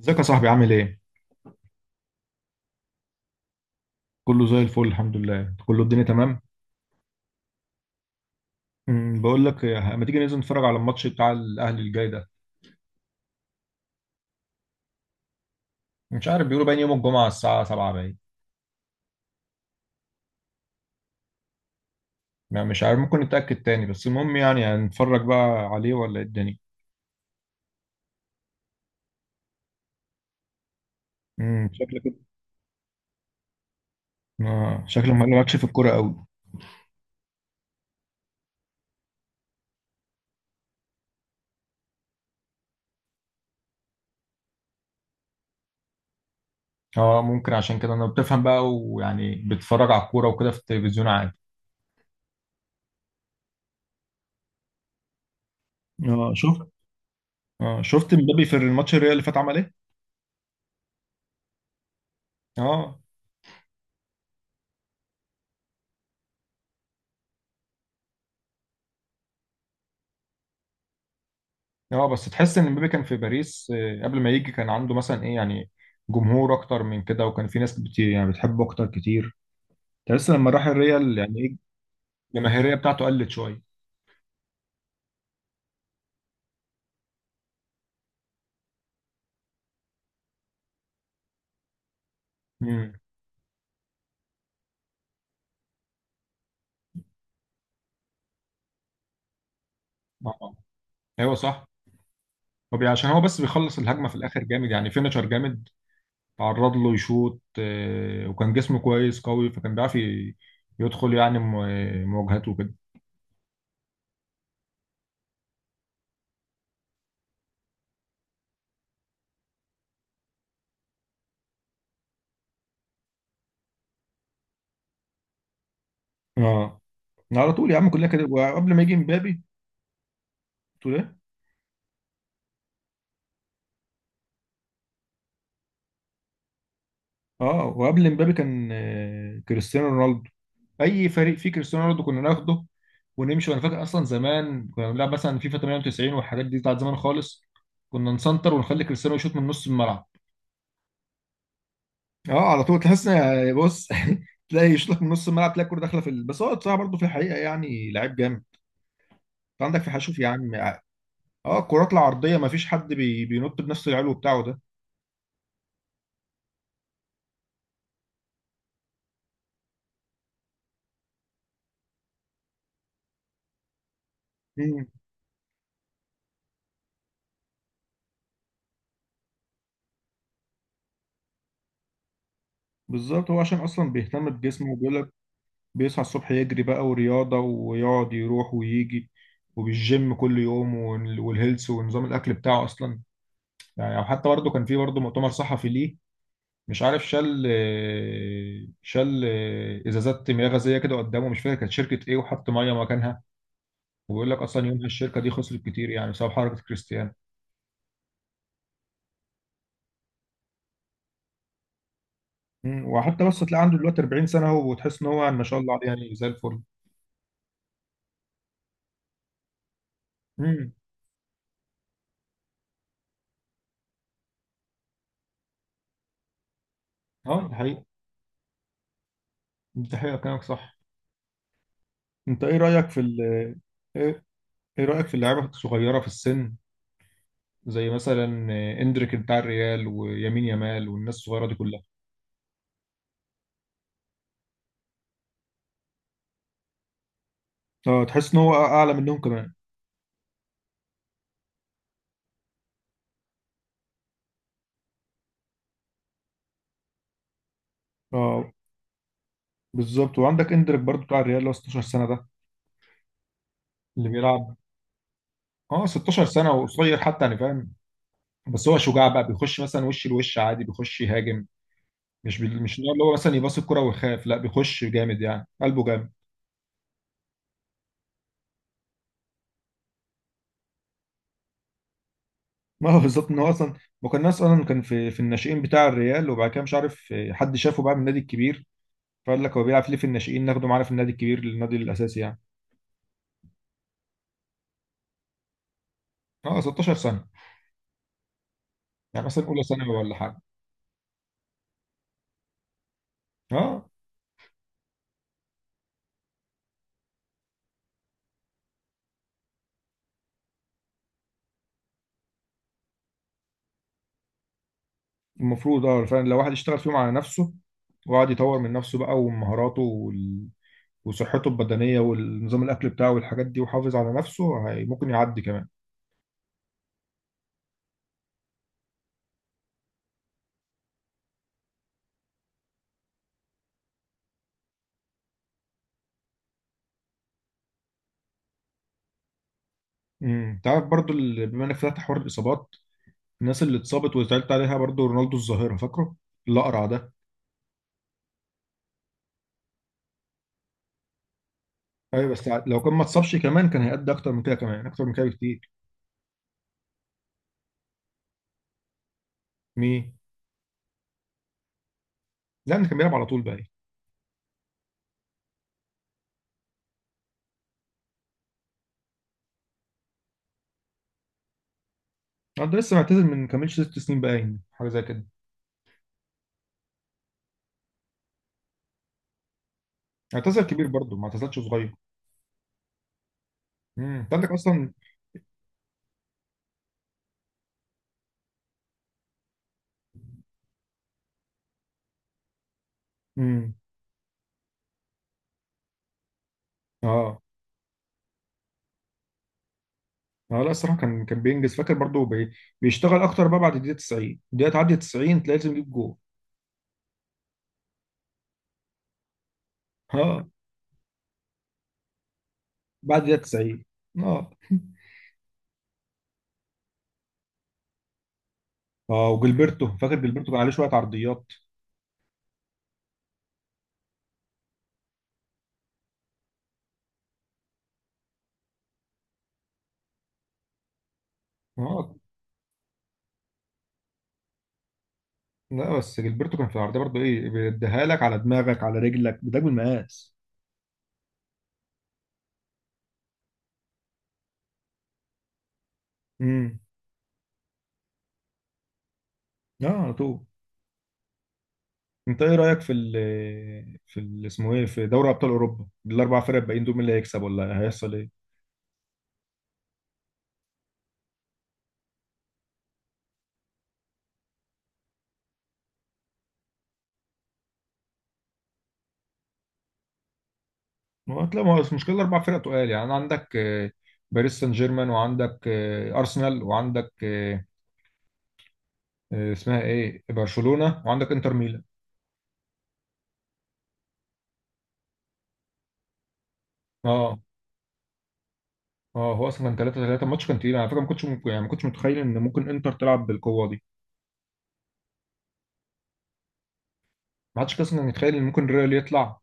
ازيك يا صاحبي، عامل ايه؟ كله زي الفل الحمد لله، كله الدنيا تمام؟ بقول لك إيه، ما تيجي ننزل نتفرج على الماتش بتاع الاهلي الجاي ده. مش عارف، بيقولوا باين يوم الجمعة الساعة 7، باين. ما مش عارف، ممكن نتأكد تاني، بس المهم يعني هنتفرج بقى عليه ولا ايه الدنيا؟ شكلك كده. شكلك مالكش في الكورة قوي. اه ممكن، عشان كده انا بتفهم بقى، ويعني بتتفرج على الكورة وكده في التلفزيون عادي. اه شفت. اه شفت مبابي في الماتش الريال اللي فات، عمل ايه؟ اه. اه بس تحس ان مبابي كان في باريس، قبل ما يجي كان عنده مثلا ايه، يعني جمهور اكتر من كده، وكان في ناس يعني بتحبه اكتر كتير. تحس لما راح الريال يعني ايه، الجماهيريه بتاعته قلت شويه. امم. اه. ايوه صح. عشان هو بس بيخلص الهجمه في الاخر جامد، يعني فينيشر جامد. تعرض له يشوط، وكان جسمه كويس قوي، فكان بيعرف يدخل يعني مواجهات وكده. اه على طول يا عم، كلها كده، وقبل ما يجي مبابي تقول ايه. اه وقبل مبابي كان كريستيانو رونالدو. اي فريق فيه كريستيانو رونالدو كنا ناخده ونمشي. وانا فاكر اصلا زمان كنا بنلعب مثلا فيفا 98 والحاجات دي بتاعت زمان خالص. كنا نسنتر ونخلي كريستيانو يشوط من نص الملعب. اه على طول، تحس بص تلاقي يشوط لك من نص الملعب، تلاقي الكوره داخله بس هو بصراحه برضه في الحقيقه يعني لعيب جامد. انت عندك في حشوف يا عم. اه الكرات العرضيه ما فيش حد بينط بنفس العلو بتاعه ده. مم. بالظبط، هو عشان اصلا بيهتم بجسمه، وبيقول بيصحى الصبح يجري بقى ورياضة، ويقعد يروح ويجي، وبالجيم كل يوم، والهيلث، ونظام الأكل بتاعه أصلا. يعني أو حتى برضه كان في برضه مؤتمر صحفي ليه، مش عارف، شال إزازات مياه غازية كده قدامه، مش فاكر كانت شركة إيه، وحط مية مكانها. وبيقول لك أصلا يومها الشركة دي خسرت كتير، يعني بسبب حركة كريستيانو. مم. وحتى بس تلاقي عنده دلوقتي 40 سنة أهو، وتحس إن هو ما شاء الله عليه يعني زي الفل. امم. أه دي حقيقة. دي حقيقة، كلامك صح. أنت إيه رأيك في ال إيه، ايه رأيك في اللعيبة الصغيرة في السن، زي مثلا اندريك بتاع الريال، ويمين يامال، والناس الصغيرة دي كلها. اه، تحس ان هو اعلى منهم كمان. اه بالظبط، وعندك اندريك برضو بتاع الريال اللي هو 16 سنة ده، اللي بيلعب. اه 16 سنة وقصير حتى، يعني فاهم. بس هو شجاع بقى، بيخش مثلا وش لوش عادي، بيخش يهاجم. مش اللي هو مثلا يباص الكرة ويخاف، لا بيخش جامد، يعني قلبه جامد. ما هو بالظبط ان هو اصلا ما كان الناس اصلا، كان في الناشئين بتاع الريال، وبعد كده مش عارف، حد شافه بقى من النادي الكبير، فقال لك هو بيلعب ليه في الناشئين، ناخده معانا في النادي الكبير، للنادي الاساسي يعني. اه 16 سنه، يعني مثلا اولى ثانوي ولا حاجه. اه. المفروض اه فعلا لو واحد يشتغل فيهم على نفسه، وقعد يطور من نفسه بقى، ومهاراته، وصحته البدنيه، والنظام الاكل بتاعه، والحاجات دي، وحافظ على نفسه، هي ممكن يعدي كمان. امم، تعرف برضو بما انك فتحت حوار الاصابات، الناس اللي اتصابت وزعلت عليها، برضو رونالدو الظاهره، فاكره الاقرع ده. ايوه بس لو كان ما اتصابش كمان كان هيأدي اكتر من كده، كمان اكتر من كده بكتير. مين؟ لا ده كان بيلعب على طول بقى. اه ده لسه معتزل من كملش ست سنين باين، حاجه زي كده. اعتزل كبير برضه ما اعتزلش صغير. امم، انت عندك اصلا. امم. اه. اه لا الصراحه، كان بينجز، فاكر برضه بيشتغل اكتر بقى بعد الدقيقه 90، الدقيقه تعدي 90 تلاقي لازم يجيب جول. اه بعد الدقيقه 90. اه اه، وجilberto، فاكر جilberto كان عليه شويه عرضيات. اه لا بس جilberto كان في العرضيه برضه ايه، بيديها لك على دماغك، على رجلك، بداك بالمقاس. امم. اه على طول. انت ايه رايك في ال اسمه ايه، في دوري ابطال اوروبا، الاربع فرق الباقيين دول مين اللي هيكسب ولا هيحصل ايه؟ ما هو المشكله، الاربع فرق تقال يعني، عندك باريس سان جيرمان، وعندك ارسنال، وعندك اسمها ايه برشلونه، وعندك انتر ميلان. اه. اه هو اصلا كان 3-3، الماتش كان تقيل على فكره، ما كنتش ممكن يعني، ما كنتش متخيل ان ممكن انتر تلعب بالقوه دي. ما حدش اصلا كان يتخيل ان ممكن ريال يطلع.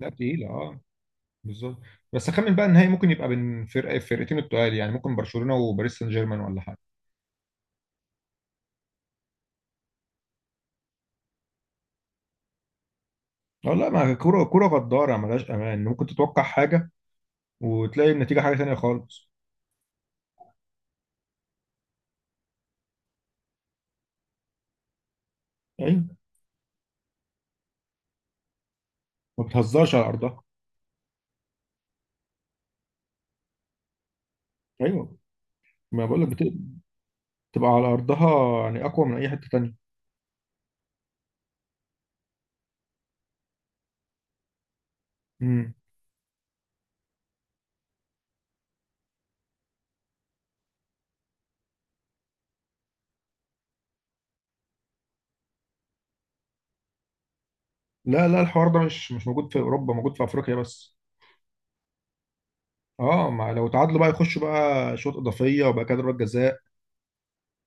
لا تقيله اه، بالظبط. بس اخمن بقى النهائي ممكن يبقى بين فرقتين التقال، يعني ممكن برشلونه وباريس سان جيرمان ولا حاجه. اه لا، ما كوره كوره غداره ملهاش امان، ممكن تتوقع حاجه وتلاقي النتيجه حاجه تانية خالص. ايوه، ما بتهزرش على ارضها. ايوه، ما بقول لك بتبقى على ارضها، يعني اقوى من اي حته تانية. امم. لا لا، الحوار ده مش موجود في اوروبا، موجود في افريقيا بس. اه، ما لو تعادلوا بقى يخشوا بقى شوط اضافيه، وبقى كده ضربات جزاء.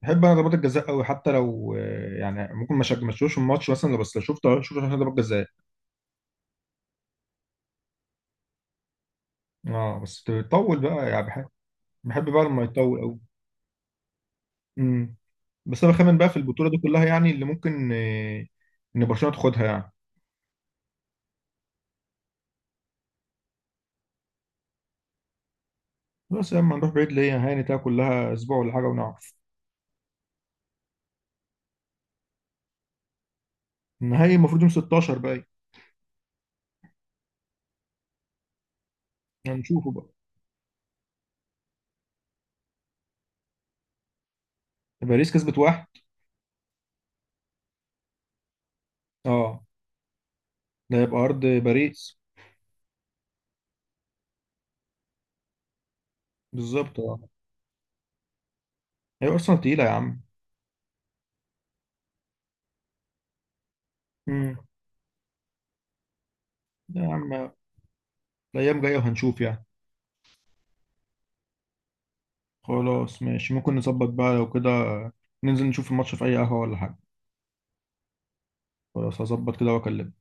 بحب انا ضربات الجزاء قوي، حتى لو يعني ممكن ما شفتوش الماتش مثلا، لو بس لو شفته، شفت عشان ضربات جزاء. اه بس تطول بقى، يعني بحب بقى لما يطول قوي. بس انا بخمن بقى في البطوله دي كلها، يعني اللي ممكن ان برشلونه تاخدها يعني. بس لما نروح بعيد ليه هاني تلاقي كلها اسبوع ولا حاجه ونعرف. النهائي المفروض يوم 16 بقى، يعني هنشوفه بقى. باريس كسبت واحد. اه ده يبقى ارض باريس. بالظبط اه. هي ارسنال تقيله يا عم. امم. يا عم الايام جايه وهنشوف يعني. خلاص ماشي، ممكن نظبط بقى لو كده ننزل نشوف الماتش في اي قهوه ولا حاجه. خلاص هظبط كده واكلمك.